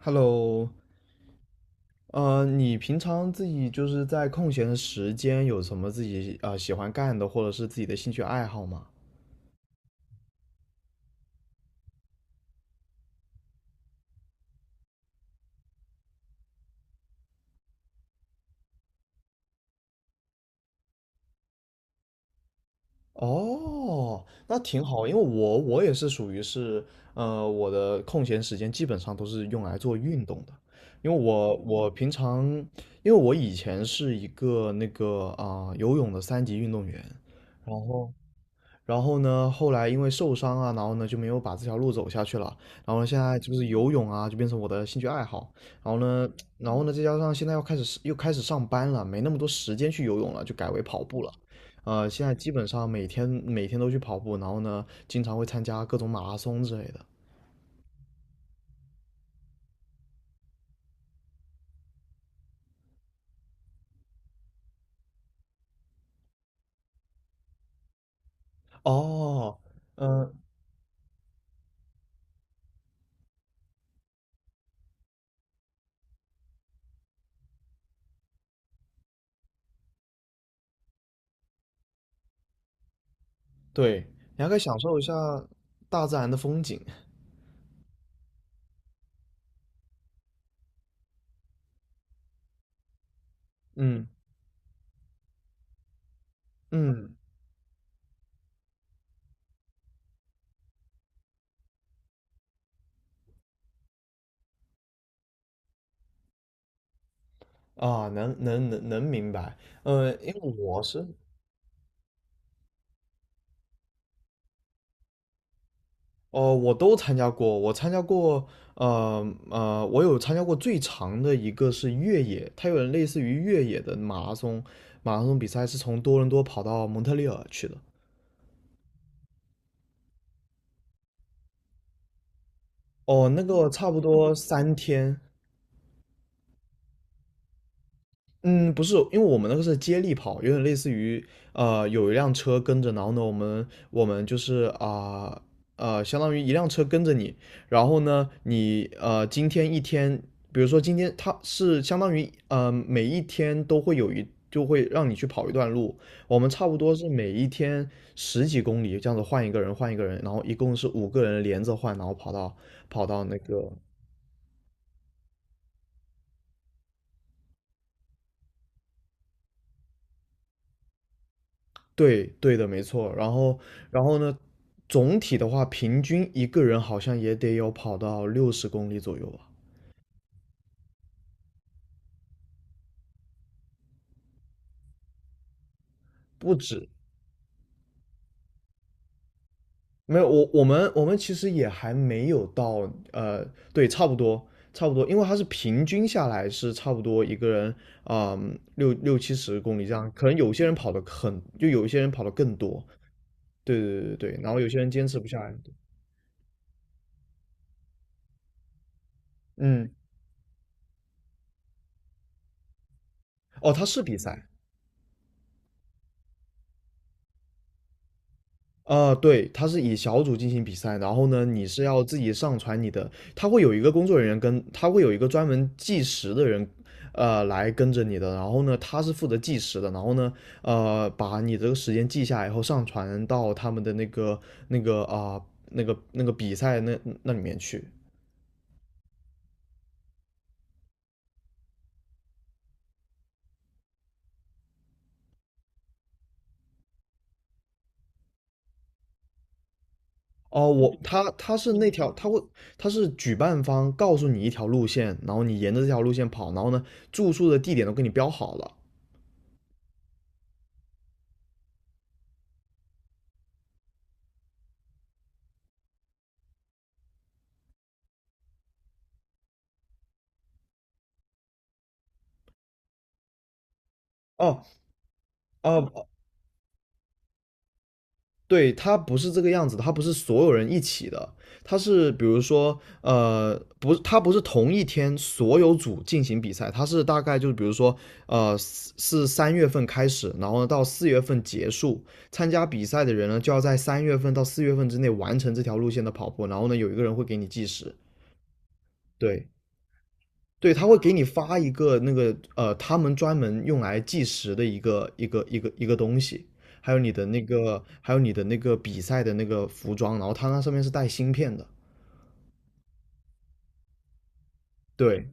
Hello，你平常自己就是在空闲的时间有什么自己啊、喜欢干的，或者是自己的兴趣爱好吗？哦，那挺好，因为我也是属于是，我的空闲时间基本上都是用来做运动的，因为我平常，因为我以前是一个那个啊、游泳的三级运动员。然后然后呢，后来因为受伤啊，然后呢就没有把这条路走下去了。然后呢，现在就是游泳啊，就变成我的兴趣爱好。然后呢，然后呢，再加上现在要开始又开始上班了，没那么多时间去游泳了，就改为跑步了。现在基本上每天都去跑步，然后呢，经常会参加各种马拉松之类的。哦，嗯、对，你还可以享受一下大自然的风景。嗯嗯，啊，能明白。因为我是。哦，我都参加过，我有参加过最长的一个是越野，它有点类似于越野的马拉松，马拉松比赛是从多伦多跑到蒙特利尔去的。哦，那个差不多三天。嗯，不是，因为我们那个是接力跑，有点类似于，有一辆车跟着。然后呢，我们就是啊，相当于一辆车跟着你。然后呢，你今天一天，比如说今天它是相当于每一天都会就会让你去跑一段路，我们差不多是每一天十几公里这样子换一个人，然后一共是五个人连着换，然后跑到那个。对对的，没错。然后呢，总体的话，平均一个人好像也得有跑到六十公里左右吧。不止。没有，我们其实也还没有到。对，差不多，因为它是平均下来是差不多一个人，嗯，六七十公里这样，可能有些人跑的很，就有一些人跑的更多。对对对对对，然后有些人坚持不下来。嗯。哦，他是比赛。啊，对，它是以小组进行比赛，然后呢，你是要自己上传你的，他会有一个工作人员跟，他会有一个专门计时的人，来跟着你的，然后呢，他是负责计时的，然后呢，把你这个时间记下来以后上传到他们的那个那个啊、比赛那里面去。哦，我他他是那条，他会他是举办方告诉你一条路线，然后你沿着这条路线跑，然后呢，住宿的地点都给你标好了。哦哦，对，它不是这个样子的，它不是所有人一起的，它是比如说，不是，它不是同一天所有组进行比赛，它是大概就是比如说，是三月份开始，然后呢到四月份结束，参加比赛的人呢就要在三月份到四月份之内完成这条路线的跑步，然后呢有一个人会给你计时。对，对，他会给你发一个那个，他们专门用来计时的一个东西，还有你的那个比赛的那个服装，然后它那上面是带芯片的。对，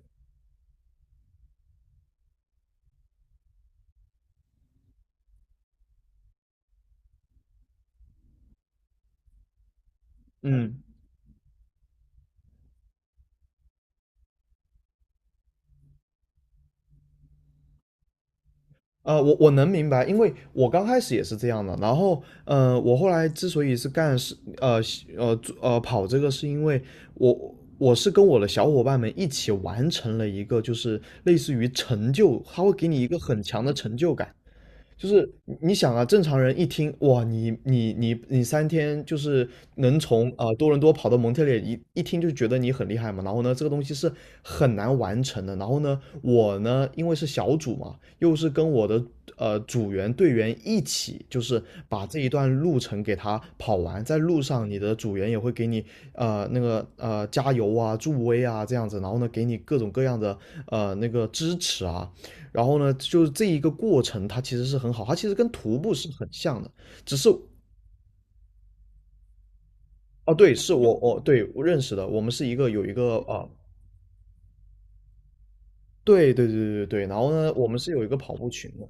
嗯。我能明白，因为我刚开始也是这样的。然后，我后来之所以是干是呃呃做呃跑这个，是因为我我是跟我的小伙伴们一起完成了一个，就是类似于成就，他会给你一个很强的成就感。就是你想啊，正常人一听哇，你三天就是能从多伦多跑到蒙特利尔，一听就觉得你很厉害嘛。然后呢，这个东西是很难完成的。然后呢，我呢，因为是小组嘛，又是跟我的组员队员一起，就是把这一段路程给他跑完。在路上，你的组员也会给你那个加油啊、助威啊这样子，然后呢，给你各种各样的那个支持啊。然后呢，就是这一个过程，它其实是很好，它其实跟徒步是很像的，只是。哦，对，是我对我认识的，我们是一个有一个啊。对对对对对，然后呢，我们是有一个跑步群的。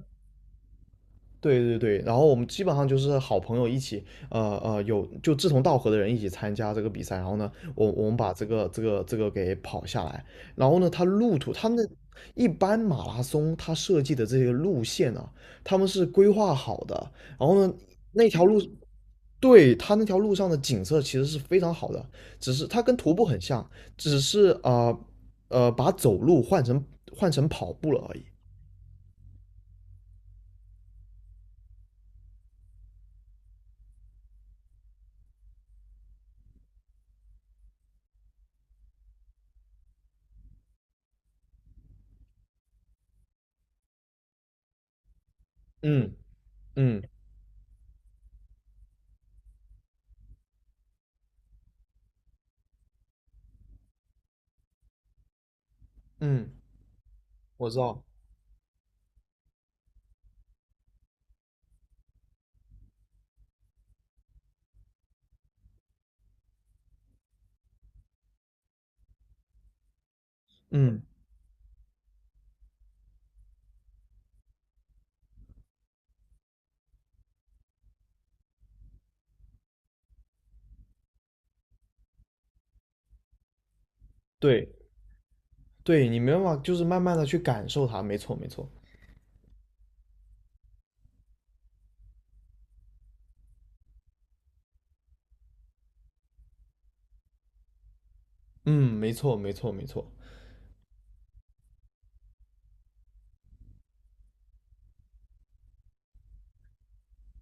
对对对，然后我们基本上就是好朋友一起，就志同道合的人一起参加这个比赛，然后呢，我们把这个给跑下来，然后呢，他路途，他们的一般马拉松它设计的这些路线啊，他们是规划好的，然后呢，那条路，对，它那条路上的景色其实是非常好的，只是它跟徒步很像，只是把走路换成跑步了而已。嗯嗯嗯，我知道。嗯，对对，你没办法，就是慢慢的去感受它。没错没错。嗯，没错没错没错。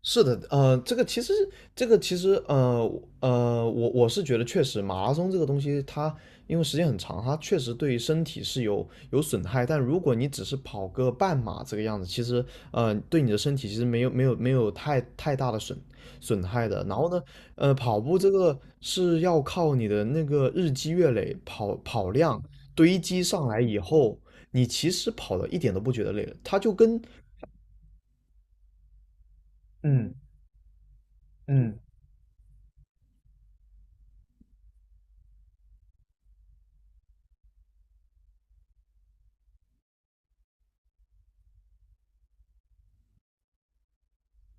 是的，这个其实，我是觉得确实，马拉松这个东西它，因为时间很长，它确实对身体是有损害。但如果你只是跑个半马这个样子，其实，对你的身体其实没有太大的损害的。然后呢，跑步这个是要靠你的那个日积月累，跑量堆积上来以后，你其实跑的一点都不觉得累了，它就跟。嗯嗯，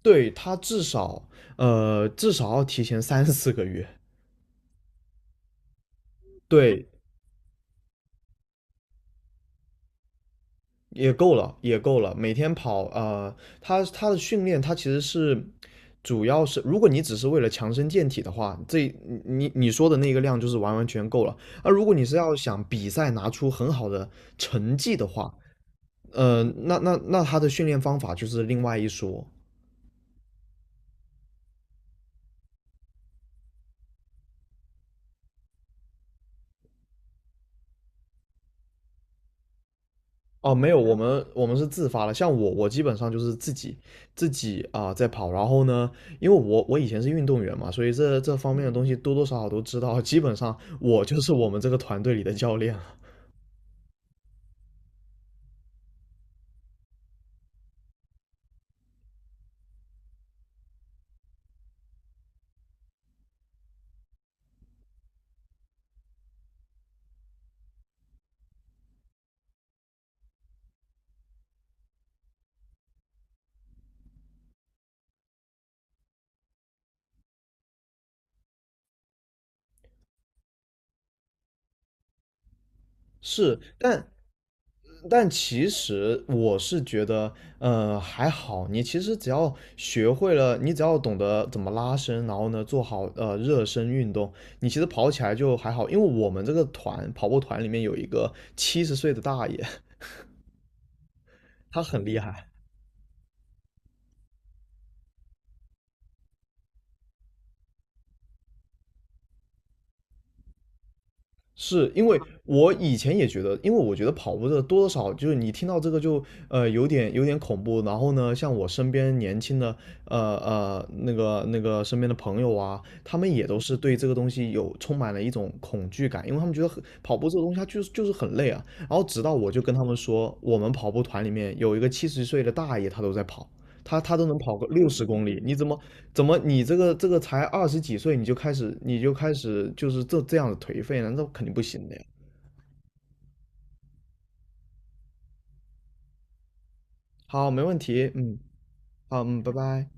对，他至少至少要提前三四个月。对，也够了，也够了。每天跑，他的训练，他其实是主要是，如果你只是为了强身健体的话，这你说的那个量就是完全够了。而如果你是要想比赛拿出很好的成绩的话，那他的训练方法就是另外一说。哦，没有，我们是自发的。像我，我基本上就是自己啊、在跑。然后呢，因为我以前是运动员嘛，所以这方面的东西多多少少都知道。基本上我就是我们这个团队里的教练了。是，但其实我是觉得，还好。你其实只要学会了，你只要懂得怎么拉伸，然后呢做好热身运动，你其实跑起来就还好。因为我们这个跑步团里面有一个七十岁的大爷，他很厉害。是因为我以前也觉得，因为我觉得跑步的多多少少就是你听到这个就有点恐怖，然后呢，像我身边年轻的身边的朋友啊，他们也都是对这个东西有充满了一种恐惧感，因为他们觉得很跑步这个东西它就是很累啊。然后直到我就跟他们说，我们跑步团里面有一个七十岁的大爷，他都在跑，他都能跑个六十公里。你怎么你这个才二十几岁你就开始就是这样的颓废呢？那肯定不行的呀。好，没问题。嗯，好，嗯，拜拜。